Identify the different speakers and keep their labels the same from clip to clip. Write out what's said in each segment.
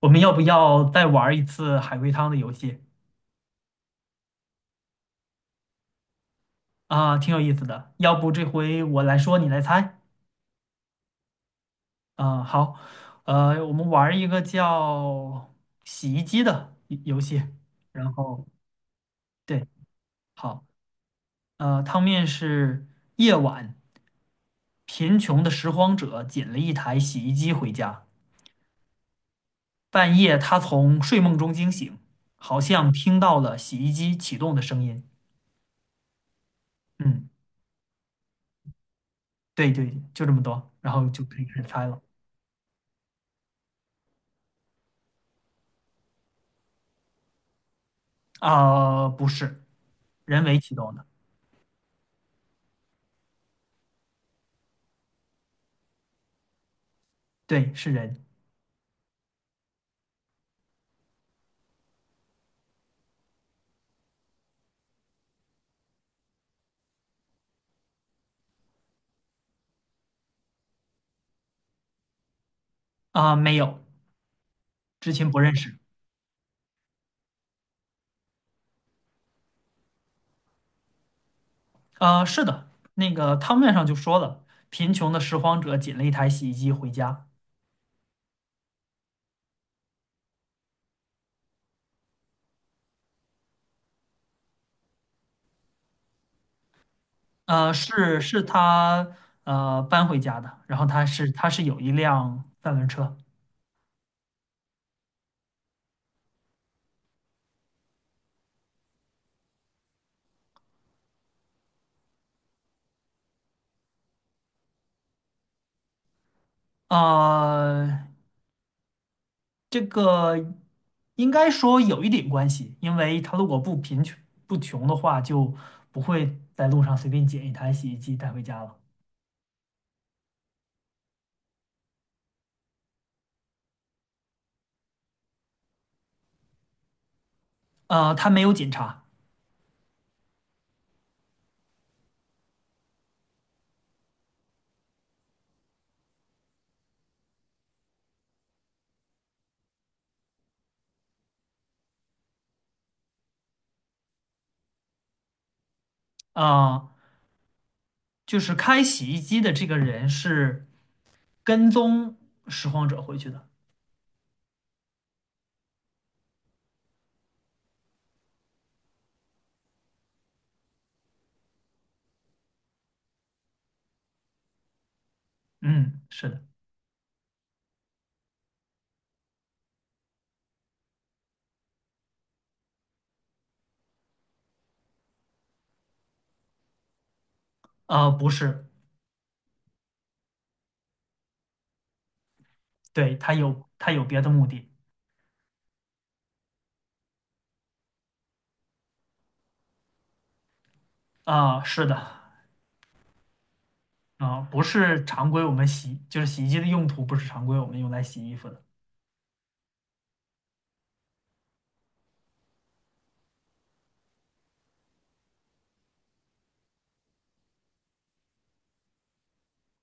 Speaker 1: 我们要不要再玩一次海龟汤的游戏。啊？挺有意思的。要不这回我来说，你来猜。啊？好，我们玩一个叫洗衣机的游戏。然后对，好，汤面是夜晚，贫穷的拾荒者捡了一台洗衣机回家。半夜，他从睡梦中惊醒，好像听到了洗衣机启动的声音。嗯，对，就这么多，然后就可以开始猜了。啊、不是，人为启动的，对，是人。啊、没有，之前不认识。啊、是的，那个汤面上就说了，贫穷的拾荒者捡了一台洗衣机回家，是他搬回家的，然后他是有一辆三轮车。呃，这个应该说有一点关系，因为他如果不贫穷不穷的话，就不会在路上随便捡一台洗衣机带回家了。他没有检查。啊，就是开洗衣机的这个人是跟踪拾荒者回去的。嗯，是的。啊，不是，对，他有别的目的。啊，是的。啊，不是常规我们洗，就是洗衣机的用途不是常规我们用来洗衣服的。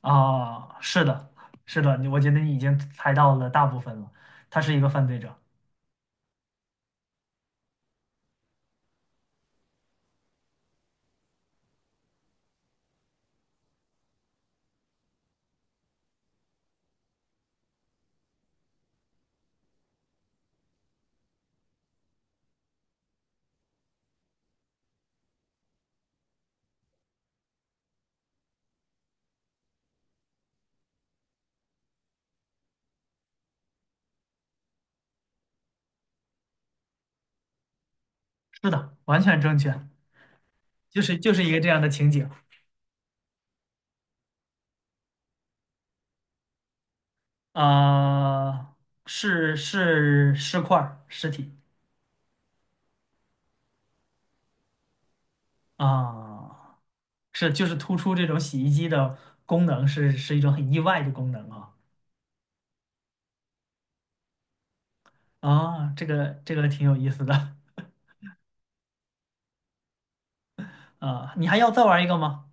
Speaker 1: 啊，是的，是的，你我觉得你已经猜到了大部分了，他是一个犯罪者，是的，完全正确，就是一个这样的情景。啊，是尸块儿尸体。啊，是就是突出这种洗衣机的功能是一种很意外的功能啊啊。这个挺有意思的。啊，你还要再玩一个吗？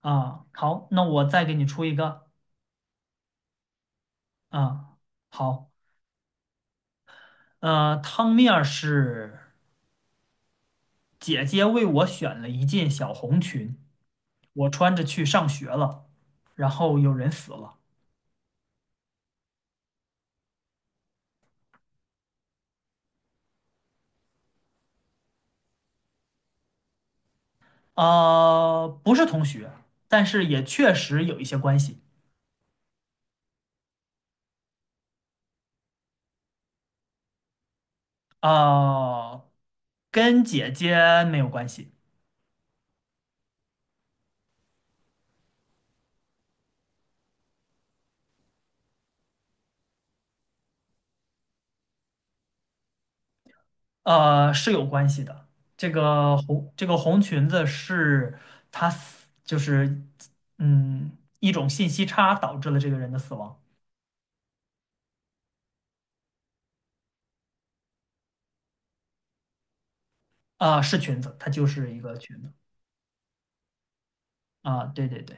Speaker 1: 啊，好，那我再给你出一个。啊，好，汤面儿是姐姐为我选了一件小红裙，我穿着去上学了，然后有人死了。啊，不是同学，但是也确实有一些关系。哦，跟姐姐没有关系。是有关系的。这个红裙子是她死，就是一种信息差导致了这个人的死亡。啊，是裙子，它就是一个裙子。啊，对，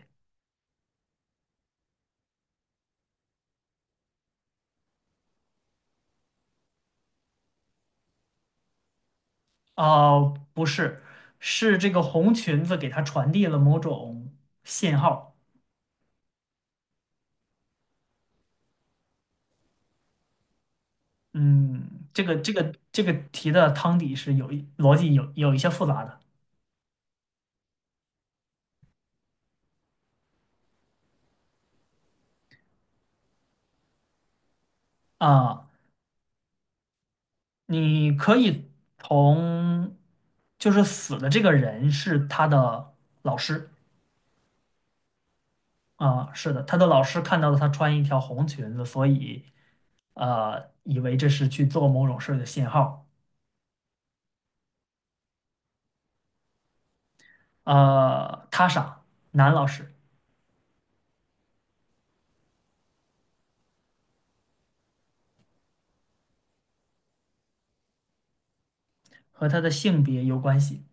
Speaker 1: 哦，不是，是这个红裙子给她传递了某种信号。嗯，这个题的汤底是有一逻辑有一些复杂的。啊。你可以从就是死的这个人是他的老师。啊，是的，他的老师看到了他穿一条红裙子，所以以为这是去做某种事儿的信号。他傻，男老师和他的性别有关系。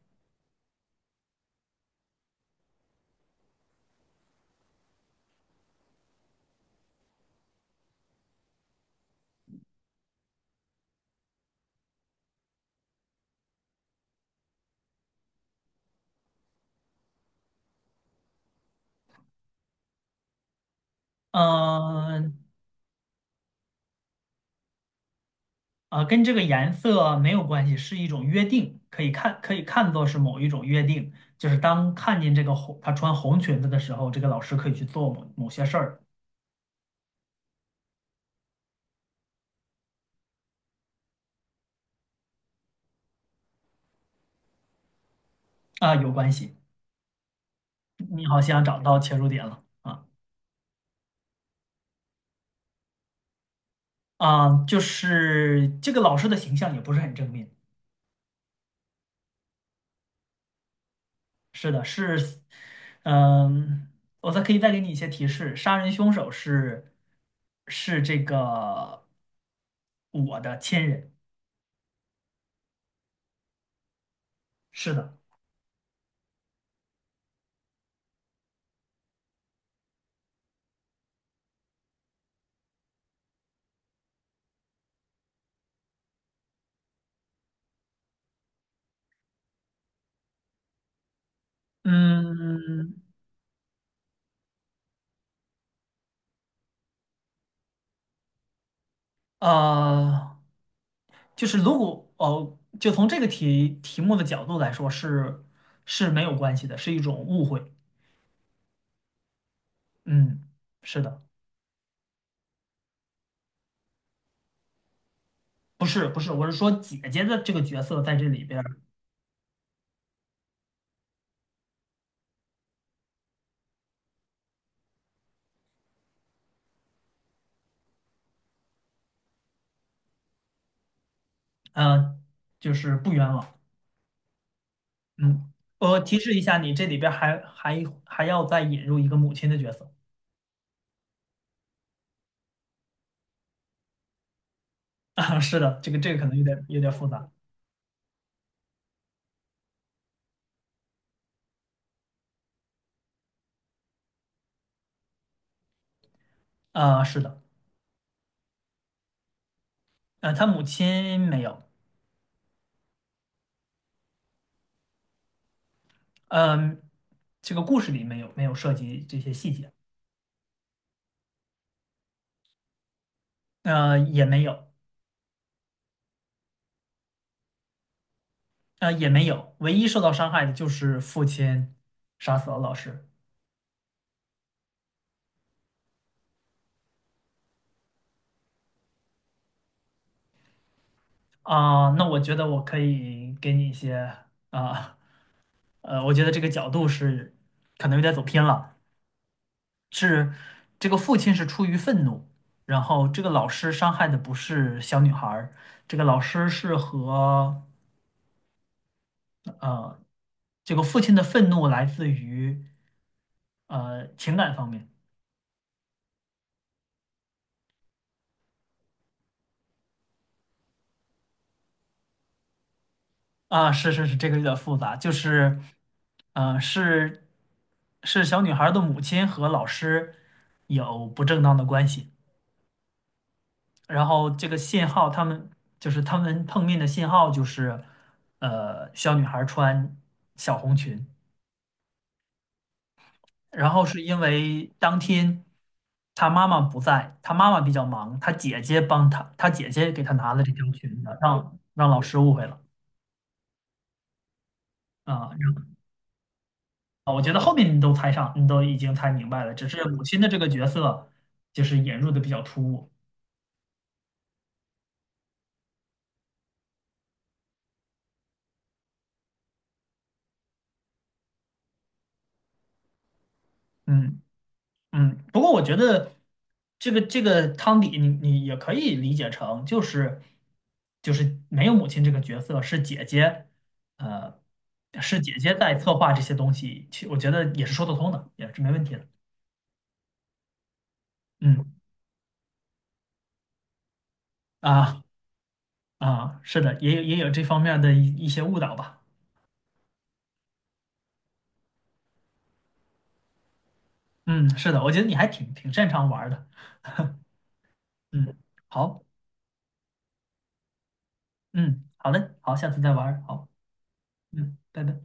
Speaker 1: 嗯、跟这个颜色没有关系，是一种约定，可以看作是某一种约定，就是当看见这个红，他穿红裙子的时候，这个老师可以去做某某些事儿。啊，有关系。你好像找到切入点了啊。啊，就是这个老师的形象也不是很正面。是的，是，嗯，我再可以再给你一些提示，杀人凶手是这个我的亲人。是的。嗯，呃，就是如果哦，就从这个题目的角度来说是是没有关系的，是一种误会。嗯，是的。不是不是，我是说姐姐的这个角色在这里边儿。呃，就是不冤枉。嗯，我提示一下你，这里边儿还要再引入一个母亲的角色。 啊。是的，这个这个可能有点复杂。啊。是的，他母亲没有。嗯、这个故事里没有涉及这些细节。也没有。也没有，唯一受到伤害的就是父亲杀死了老师。啊、那我觉得我可以给你一些。啊。我觉得这个角度是可能有点走偏了。是这个父亲是出于愤怒，然后这个老师伤害的不是小女孩儿，这个老师是和呃这个父亲的愤怒来自于情感方面。啊，是是是，这个有点复杂，就是是小女孩儿的母亲和老师有不正当的关系。然后这个信号，他们就是他们碰面的信号就是，小女孩穿小红裙，然后是因为当天她妈妈不在，她妈妈比较忙，她姐姐帮她，她姐姐给她拿了这条裙子，让老师误会了。啊。然后我觉得后面你都猜上，你都已经猜明白了，只是母亲的这个角色就是引入的比较突兀。嗯。嗯，不过我觉得这个汤底你，你也可以理解成就是没有母亲这个角色，是姐姐，呃，是姐姐在策划这些东西，其我觉得也是说得通的，也是没问题的。嗯。啊。啊，是的，也有这方面的一些误导吧。嗯，是的，我觉得你还挺擅长玩儿的。嗯，好，嗯，好嘞，好，下次再玩儿好，嗯，拜拜。